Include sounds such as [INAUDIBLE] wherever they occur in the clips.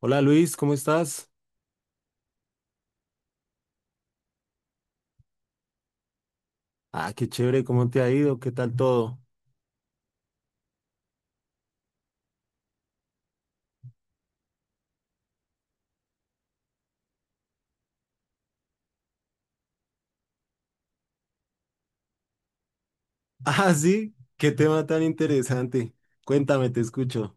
Hola Luis, ¿cómo estás? Ah, qué chévere, ¿cómo te ha ido? ¿Qué tal todo? [LAUGHS] Ah, sí, qué tema tan interesante. Cuéntame, te escucho.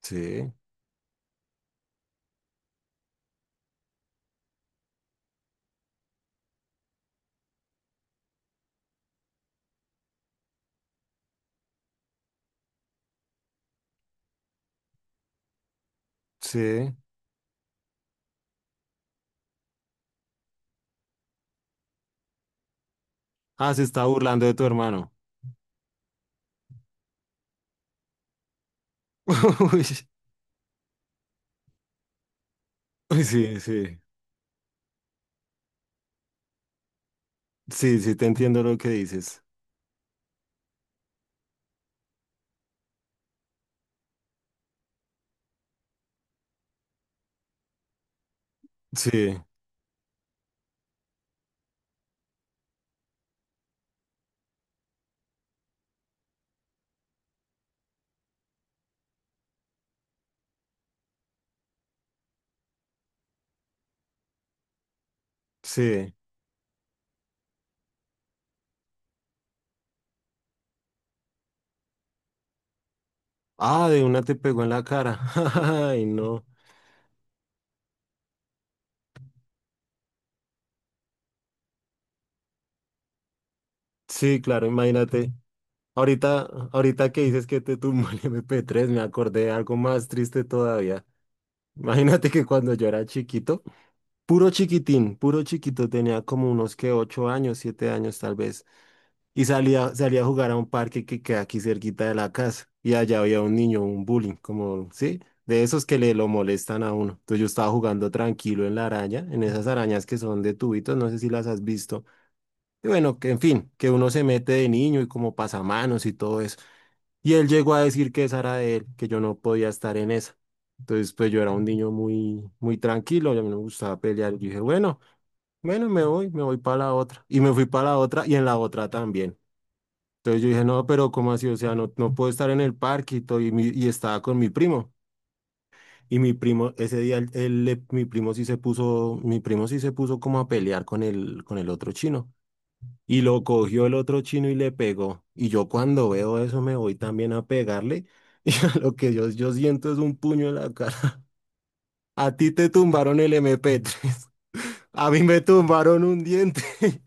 Sí, sí. Ah, se está burlando de tu hermano. [LAUGHS] Uy, uy, sí, sí. Sí, sí, te entiendo lo que dices. Sí, sí. Ah, de una te pegó en la cara. [LAUGHS] Ay, no. Sí, claro, imagínate. Ahorita, ahorita que dices que te tumbó el MP3, me acordé de algo más triste todavía. Imagínate que cuando yo era chiquito, puro chiquitín, puro chiquito, tenía como unos que 8 años, 7 años tal vez, y salía, salía a jugar a un parque que queda aquí cerquita de la casa, y allá había un niño, un bullying, como, sí, de esos que le lo molestan a uno. Entonces yo estaba jugando tranquilo en la araña, en esas arañas que son de tubitos, no sé si las has visto. Y bueno, que en fin, que uno se mete de niño y como pasamanos y todo eso. Y él llegó a decir que esa era de él, que yo no podía estar en esa. Entonces, pues yo era un niño muy, muy tranquilo, y a mí no me gustaba pelear. Yo dije, bueno. Bueno, me voy para la otra. Y me fui para la otra y en la otra también. Entonces yo dije, no, pero ¿cómo así? O sea, no, no puedo estar en el parque y, todo, y, y estaba con mi primo. Y mi primo, ese día, mi primo sí se puso, como a pelear con el otro chino. Y lo cogió el otro chino y le pegó. Y yo cuando veo eso me voy también a pegarle. [LAUGHS] Y a lo que yo, siento es un puño en la cara. [LAUGHS] A ti te tumbaron el MP3. [LAUGHS] A mí me tumbaron un diente. [LAUGHS]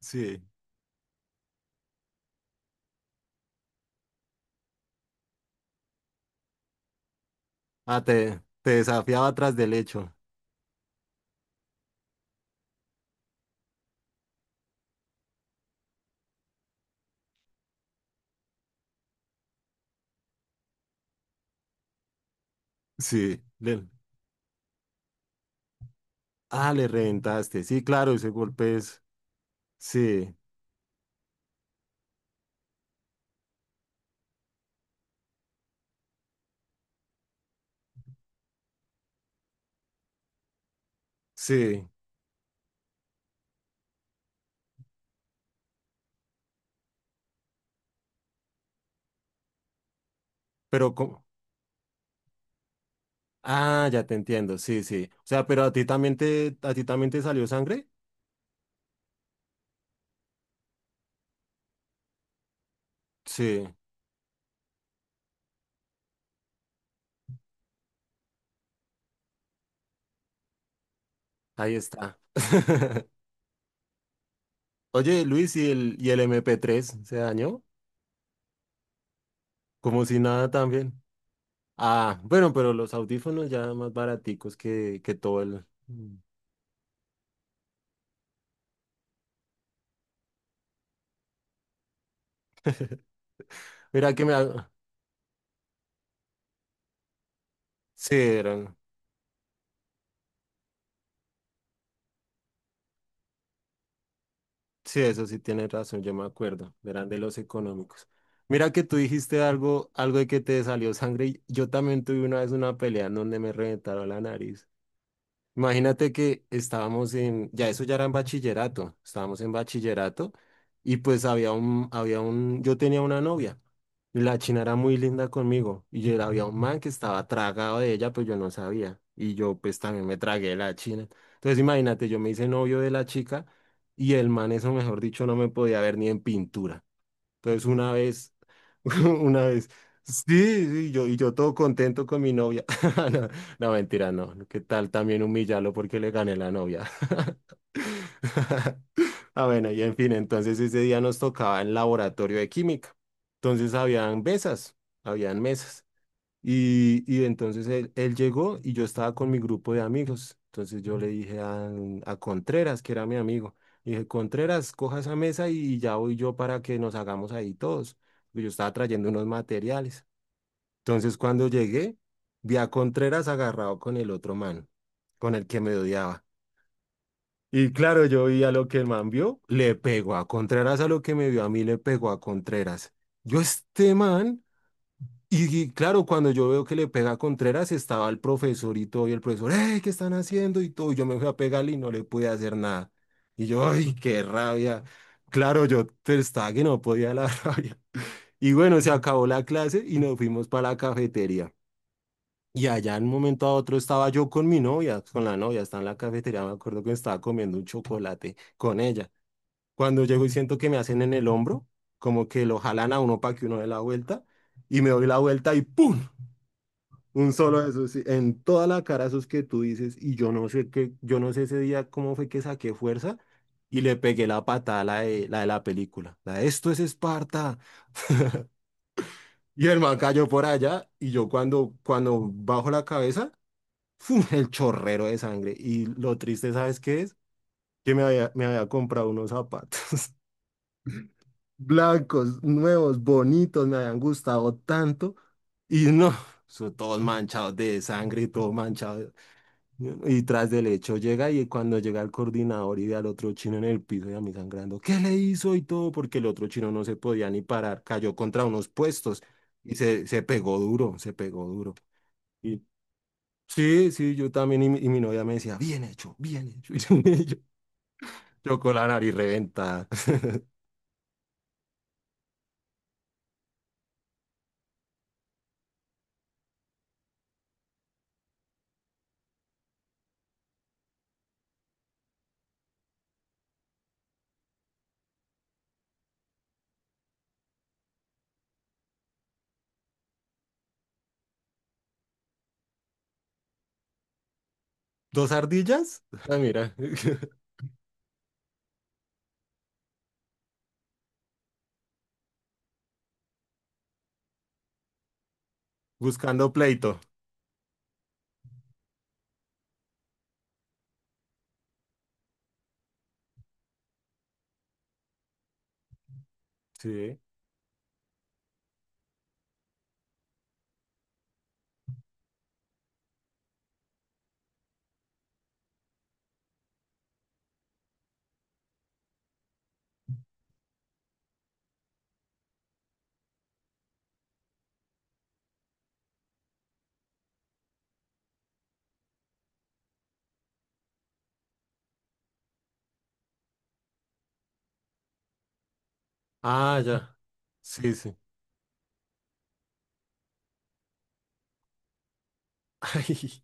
Sí. Ah, te desafiaba atrás del hecho. Sí. Le reventaste. Sí, claro, ese golpe es. Sí, sí. Pero como. Ah, ya te entiendo. Sí, sí. O sea, pero a ti también te salió sangre. Sí, ahí está. [LAUGHS] Oye, Luis, ¿y el MP3 se dañó? Como si nada también. Ah, bueno, pero los audífonos ya más baraticos que todo el. Mira que me. Sí, eran. Sí, eso sí tienes razón, yo me acuerdo, eran de los económicos. Mira que tú dijiste algo, algo de que te salió sangre. Y yo también tuve una vez una pelea en donde me reventaron la nariz. Imagínate que estábamos en, ya eso ya era en bachillerato, estábamos en bachillerato y pues había un, yo tenía una novia y la china era muy linda conmigo y yo, había un man que estaba tragado de ella, pues yo no sabía y yo pues también me tragué de la china. Entonces imagínate, yo me hice novio de la chica y el man eso mejor dicho no me podía ver ni en pintura. Entonces una vez, [LAUGHS] una vez, sí, sí, yo, y yo todo contento con mi novia. [LAUGHS] No, no, mentira, no. No, ¿qué tal también humillarlo porque le gané la novia? [LAUGHS] Ah, bueno, y en fin, entonces ese día nos tocaba en laboratorio de química. Entonces habían mesas, habían mesas. Y entonces él llegó y yo estaba con mi grupo de amigos. Entonces yo le dije a Contreras, que era mi amigo, le dije, Contreras, coja esa mesa y ya voy yo para que nos hagamos ahí todos, porque yo estaba trayendo unos materiales. Entonces cuando llegué, vi a Contreras agarrado con el otro man, con el que me odiaba. Y claro, yo vi a lo que el man vio, le pegó a Contreras, a lo que me vio a mí, le pegó a Contreras. Yo, este man. Y claro, cuando yo veo que le pega a Contreras, estaba el profesor y todo, y el profesor, ¡ey! ¿Qué están haciendo? Y todo, y yo me fui a pegarle y no le pude hacer nada. Y yo, ¡ay, qué rabia! Claro, yo estaba que no podía la [LAUGHS] rabia. Y bueno, se acabó la clase y nos fuimos para la cafetería. Y allá en un momento a otro estaba yo con mi novia, con la novia, estaba en la cafetería, me acuerdo que estaba comiendo un chocolate con ella. Cuando llego y siento que me hacen en el hombro, como que lo jalan a uno para que uno dé la vuelta, y me doy la vuelta y ¡pum! Un solo de esos, sí, en toda la cara esos que tú dices, y yo no sé qué, yo no sé ese día cómo fue que saqué fuerza y le pegué la patada a la de la, de la película. La de, esto es Esparta. Y el man cayó por allá, y yo cuando, bajo la cabeza, ¡fum! El chorrero de sangre. Y lo triste, ¿sabes qué es? Que me había comprado unos zapatos [LAUGHS] blancos, nuevos, bonitos, me habían gustado tanto, y no, son todos manchados de sangre y todo manchado. Y tras del hecho llega y cuando llega el coordinador y ve al otro chino en el piso y a mí sangrando, ¿qué le hizo? Y todo, porque el otro chino no se podía ni parar, cayó contra unos puestos y se pegó duro, se pegó duro. Y sí, sí, yo también y, mi novia me decía, bien hecho, bien hecho. [LAUGHS] Y yo, yo con la nariz reventada. [LAUGHS] ¿Dos ardillas? Ah, mira, [LAUGHS] buscando pleito. Sí. Ah, ya. Sí, sí. [LAUGHS] Ay,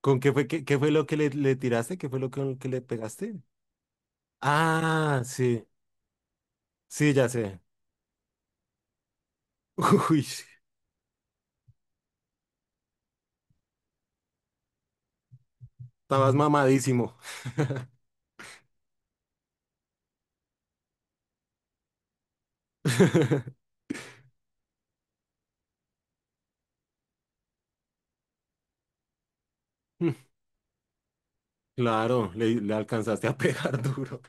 ¿con qué fue, qué fue lo que le tiraste? ¿Qué fue lo que le pegaste? Ah, sí, sí, ya sé. [LAUGHS] Uy, sí, estabas mamadísimo. [LAUGHS] Claro, le alcanzaste a pegar [LAUGHS] duro.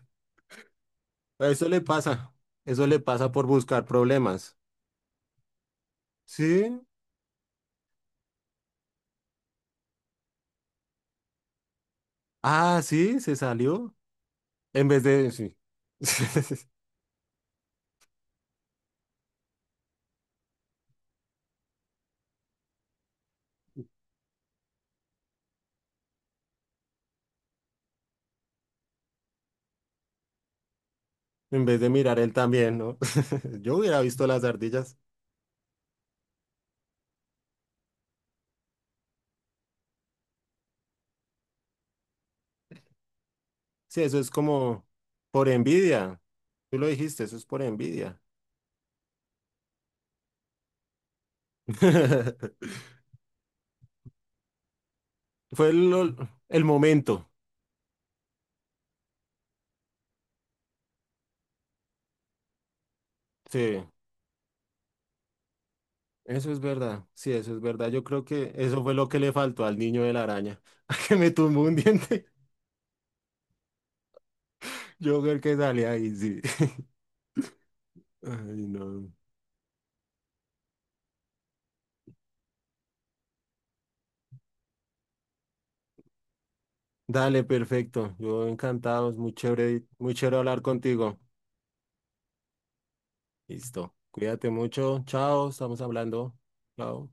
Eso le pasa, eso le pasa por buscar problemas. Sí, ah, sí, se salió. En vez de, sí. [LAUGHS] En vez de mirar él también, ¿no? [LAUGHS] Yo hubiera visto las ardillas. Sí, eso es como por envidia. Tú lo dijiste, eso es por envidia. [LAUGHS] Fue el momento. Sí. Eso es verdad, sí, eso es verdad. Yo creo que eso fue lo que le faltó al niño de la araña, [LAUGHS] que me tumbó un diente. Yo creo que sale ahí, sí. [LAUGHS] Ay, no. Dale, perfecto. Yo encantado, es muy chévere hablar contigo. Listo. Cuídate mucho. Chao, estamos hablando. Chao.